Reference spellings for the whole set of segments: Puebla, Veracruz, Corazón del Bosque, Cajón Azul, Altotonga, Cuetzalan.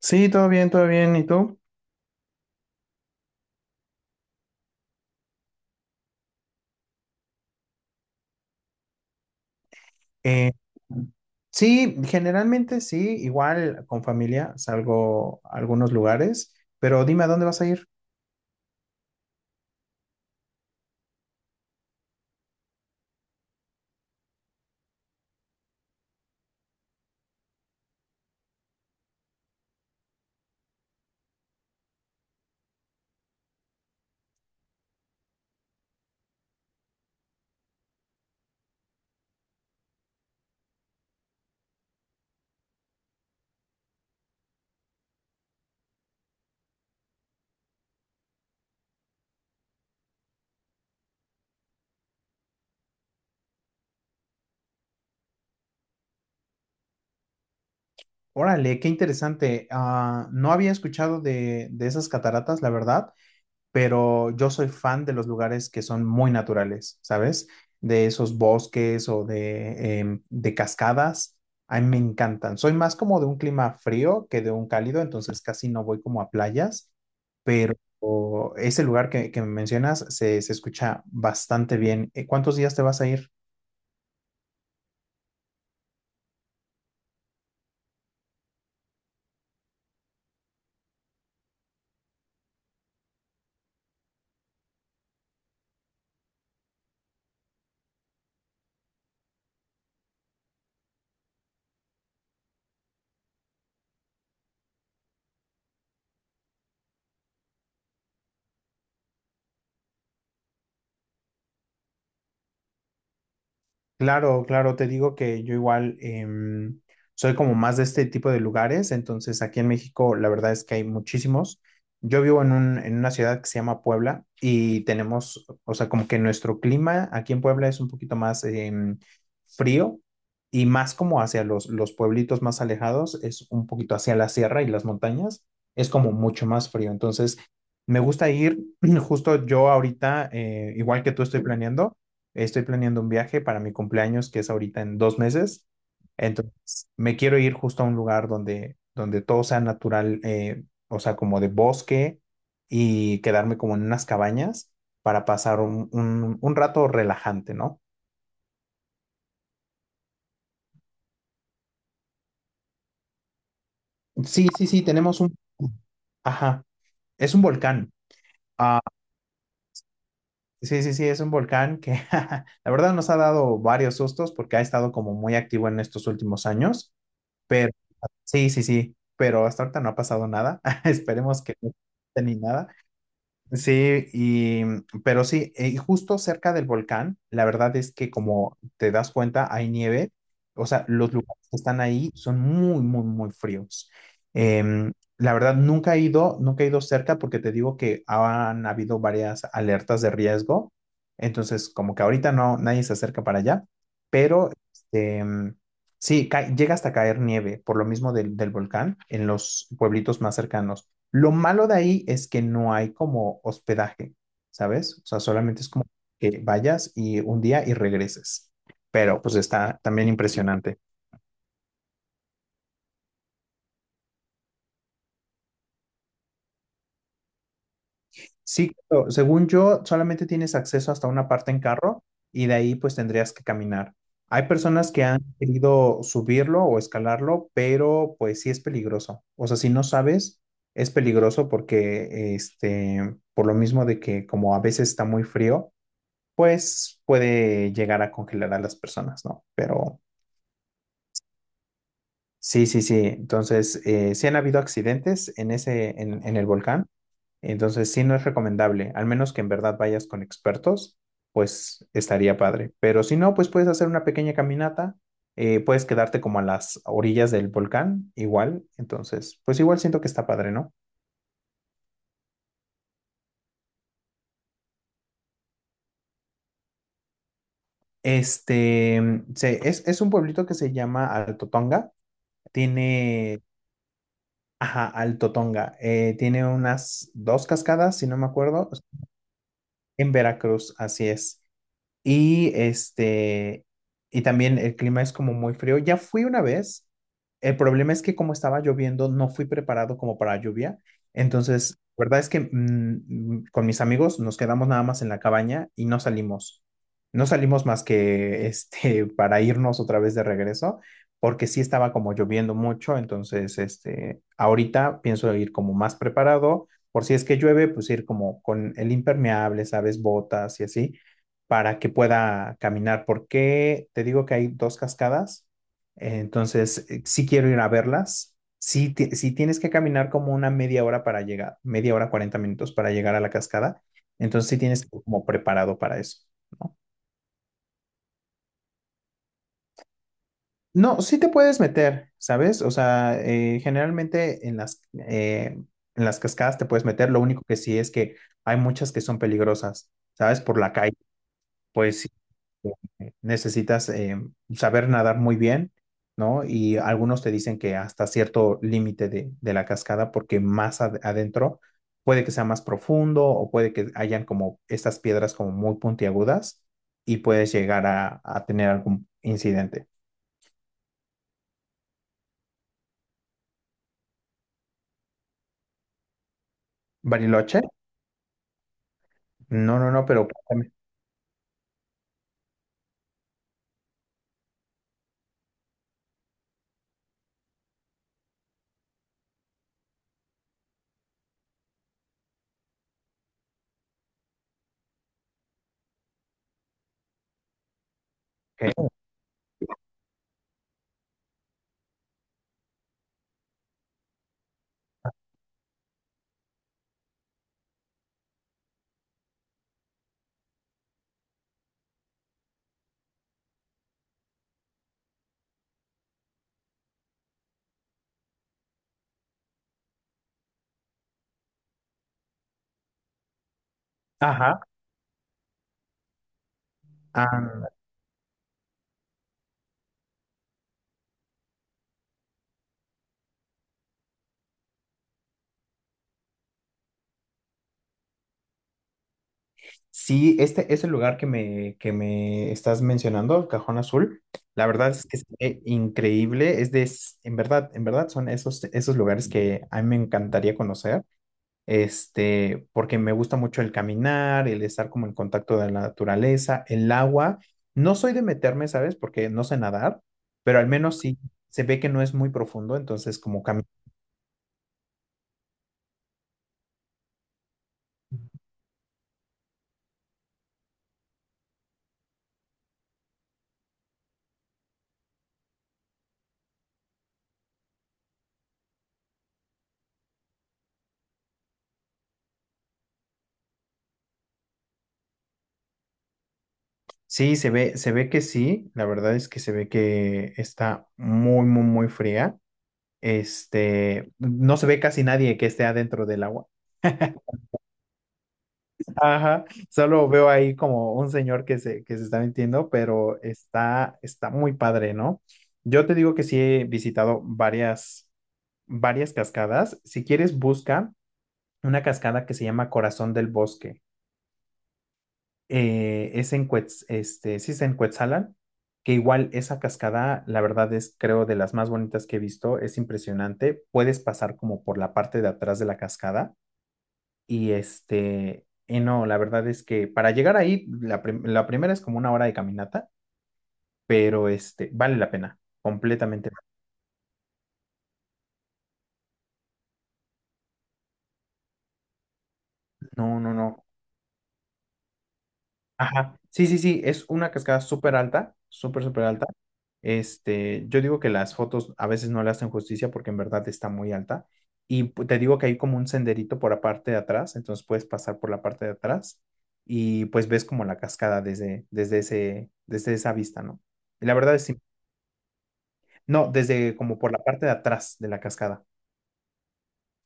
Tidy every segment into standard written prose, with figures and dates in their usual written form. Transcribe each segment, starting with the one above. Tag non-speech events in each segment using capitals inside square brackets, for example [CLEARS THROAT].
Sí, todo bien, todo bien. ¿Y tú? Eh, sí, generalmente sí, igual con familia salgo a algunos lugares, pero dime a dónde vas a ir. Órale, qué interesante. Ah, no había escuchado de esas cataratas, la verdad. Pero yo soy fan de los lugares que son muy naturales, ¿sabes? De esos bosques o de cascadas, a mí me encantan. Soy más como de un clima frío que de un cálido, entonces casi no voy como a playas, pero ese lugar que mencionas se escucha bastante bien. ¿Cuántos días te vas a ir? Claro, claro, te digo que yo igual soy como más de este tipo de lugares, entonces aquí en México la verdad es que hay muchísimos. Yo vivo en en una ciudad que se llama Puebla y tenemos, o sea, como que nuestro clima aquí en Puebla es un poquito más frío y más como hacia los pueblitos más alejados, es un poquito hacia la sierra y las montañas, es como mucho más frío. Entonces, me gusta ir, [CLEARS THROAT] justo yo ahorita, igual que tú estoy planeando. Estoy planeando un viaje para mi cumpleaños, que es ahorita en 2 meses. Entonces, me quiero ir justo a un lugar donde todo sea natural, o sea, como de bosque y quedarme como en unas cabañas para pasar un rato relajante, ¿no? Sí, sí, sí, tenemos un. Ajá, es un volcán. Ah, sí, sí, sí, es un volcán que [LAUGHS] la verdad nos ha dado varios sustos porque ha estado como muy activo en estos últimos años. pero Sí, sí, sí, pero hasta ahorita no ha pasado nada. [LAUGHS] Esperemos que no pase ni nada. Sí, pero sí, y justo cerca del volcán, la verdad es que como te das cuenta, hay nieve, o sea, los lugares que están ahí son muy, muy, muy fríos. La verdad, nunca he ido, nunca he ido cerca porque te digo que han habido varias alertas de riesgo, entonces como que ahorita no, nadie se acerca para allá, pero este, sí, llega hasta caer nieve por lo mismo del volcán en los pueblitos más cercanos. Lo malo de ahí es que no hay como hospedaje, ¿sabes? O sea, solamente es como que vayas y un día y regreses. Pero pues está también impresionante. Sí, pero según yo, solamente tienes acceso hasta una parte en carro y de ahí pues tendrías que caminar. Hay personas que han querido subirlo o escalarlo, pero pues sí es peligroso. O sea, si no sabes, es peligroso porque este, por lo mismo de que como a veces está muy frío pues puede llegar a congelar a las personas, ¿no? Pero sí, sí, sí. Entonces, sí han habido accidentes en en el volcán. Entonces, sí no es recomendable, al menos que en verdad vayas con expertos, pues estaría padre. Pero si no, pues puedes hacer una pequeña caminata, puedes quedarte como a las orillas del volcán, igual. Entonces, pues igual siento que está padre, ¿no? Este, es un pueblito que se llama Altotonga. Tiene Ajá, Alto Tonga. Tiene unas dos cascadas, si no me acuerdo, en Veracruz, así es. Y este, y también el clima es como muy frío. Ya fui una vez. El problema es que como estaba lloviendo, no fui preparado como para lluvia. Entonces, la verdad es que con mis amigos nos quedamos nada más en la cabaña y no salimos. No salimos más que este [LAUGHS] para irnos otra vez de regreso, porque sí estaba como lloviendo mucho. Entonces, este, ahorita pienso ir como más preparado. Por si es que llueve, pues ir como con el impermeable, ¿sabes? Botas y así para que pueda caminar, porque te digo que hay dos cascadas, entonces sí quiero ir a verlas. Sí, sí tienes que caminar como una media hora para llegar, media hora, 40 minutos para llegar a la cascada, entonces sí tienes que ir como preparado para eso, ¿no? No, sí te puedes meter, ¿sabes? O sea, generalmente en las, eh, en las, cascadas te puedes meter, lo único que sí es que hay muchas que son peligrosas, ¿sabes? Por la calle, pues sí, necesitas saber nadar muy bien, ¿no? Y algunos te dicen que hasta cierto límite de la cascada, porque más adentro puede que sea más profundo o puede que hayan como estas piedras como muy puntiagudas y puedes llegar a tener algún incidente. Bariloche, no, no, no, pero cuéntame, ¿qué? Ajá, ah, sí, este es el lugar que me estás mencionando, el Cajón Azul. La verdad es que es increíble. En verdad son esos lugares que a mí me encantaría conocer, este, porque me gusta mucho el caminar, el estar como en contacto de la naturaleza, el agua. No soy de meterme, ¿sabes? Porque no sé nadar, pero al menos sí se ve que no es muy profundo, entonces como caminar. Sí, se ve que sí. La verdad es que se ve que está muy, muy, muy fría. Este, no se ve casi nadie que esté adentro del agua. Ajá, solo veo ahí como un señor que se está metiendo, pero está muy padre, ¿no? Yo te digo que sí he visitado varias, varias cascadas. Si quieres, busca una cascada que se llama Corazón del Bosque. Es en este, sí es en Cuetzalan, que igual esa cascada, la verdad es, creo, de las más bonitas que he visto. Es impresionante. Puedes pasar como por la parte de atrás de la cascada. Y este, y no, la verdad es que para llegar ahí, la primera es como una hora de caminata, pero este, vale la pena, completamente. No, no, no. Ajá. Sí, sí, sí, es una cascada súper alta, súper, súper alta. Este, yo digo que las fotos a veces no le hacen justicia porque en verdad está muy alta. Y te digo que hay como un senderito por la parte de atrás, entonces puedes pasar por la parte de atrás y pues ves como la cascada desde esa vista, ¿no? Y la verdad es No, desde como por la parte de atrás de la cascada.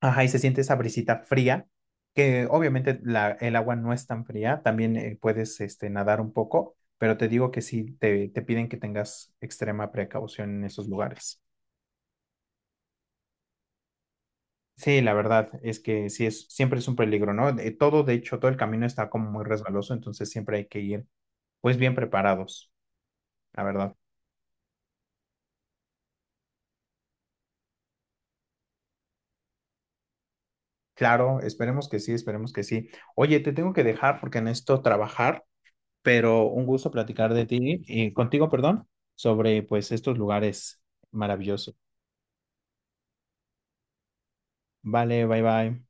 Ajá, y se siente esa brisita fría, que obviamente el agua no es tan fría, también puedes este, nadar un poco, pero te digo que sí, te piden que tengas extrema precaución en esos lugares. Sí, la verdad es que siempre es un peligro, ¿no? Todo, de hecho, todo el camino está como muy resbaloso, entonces siempre hay que ir pues bien preparados, la verdad. Claro, esperemos que sí, esperemos que sí. Oye, te tengo que dejar porque necesito trabajar. Pero un gusto platicar de ti y contigo, perdón, sobre pues estos lugares maravillosos. Vale, bye bye.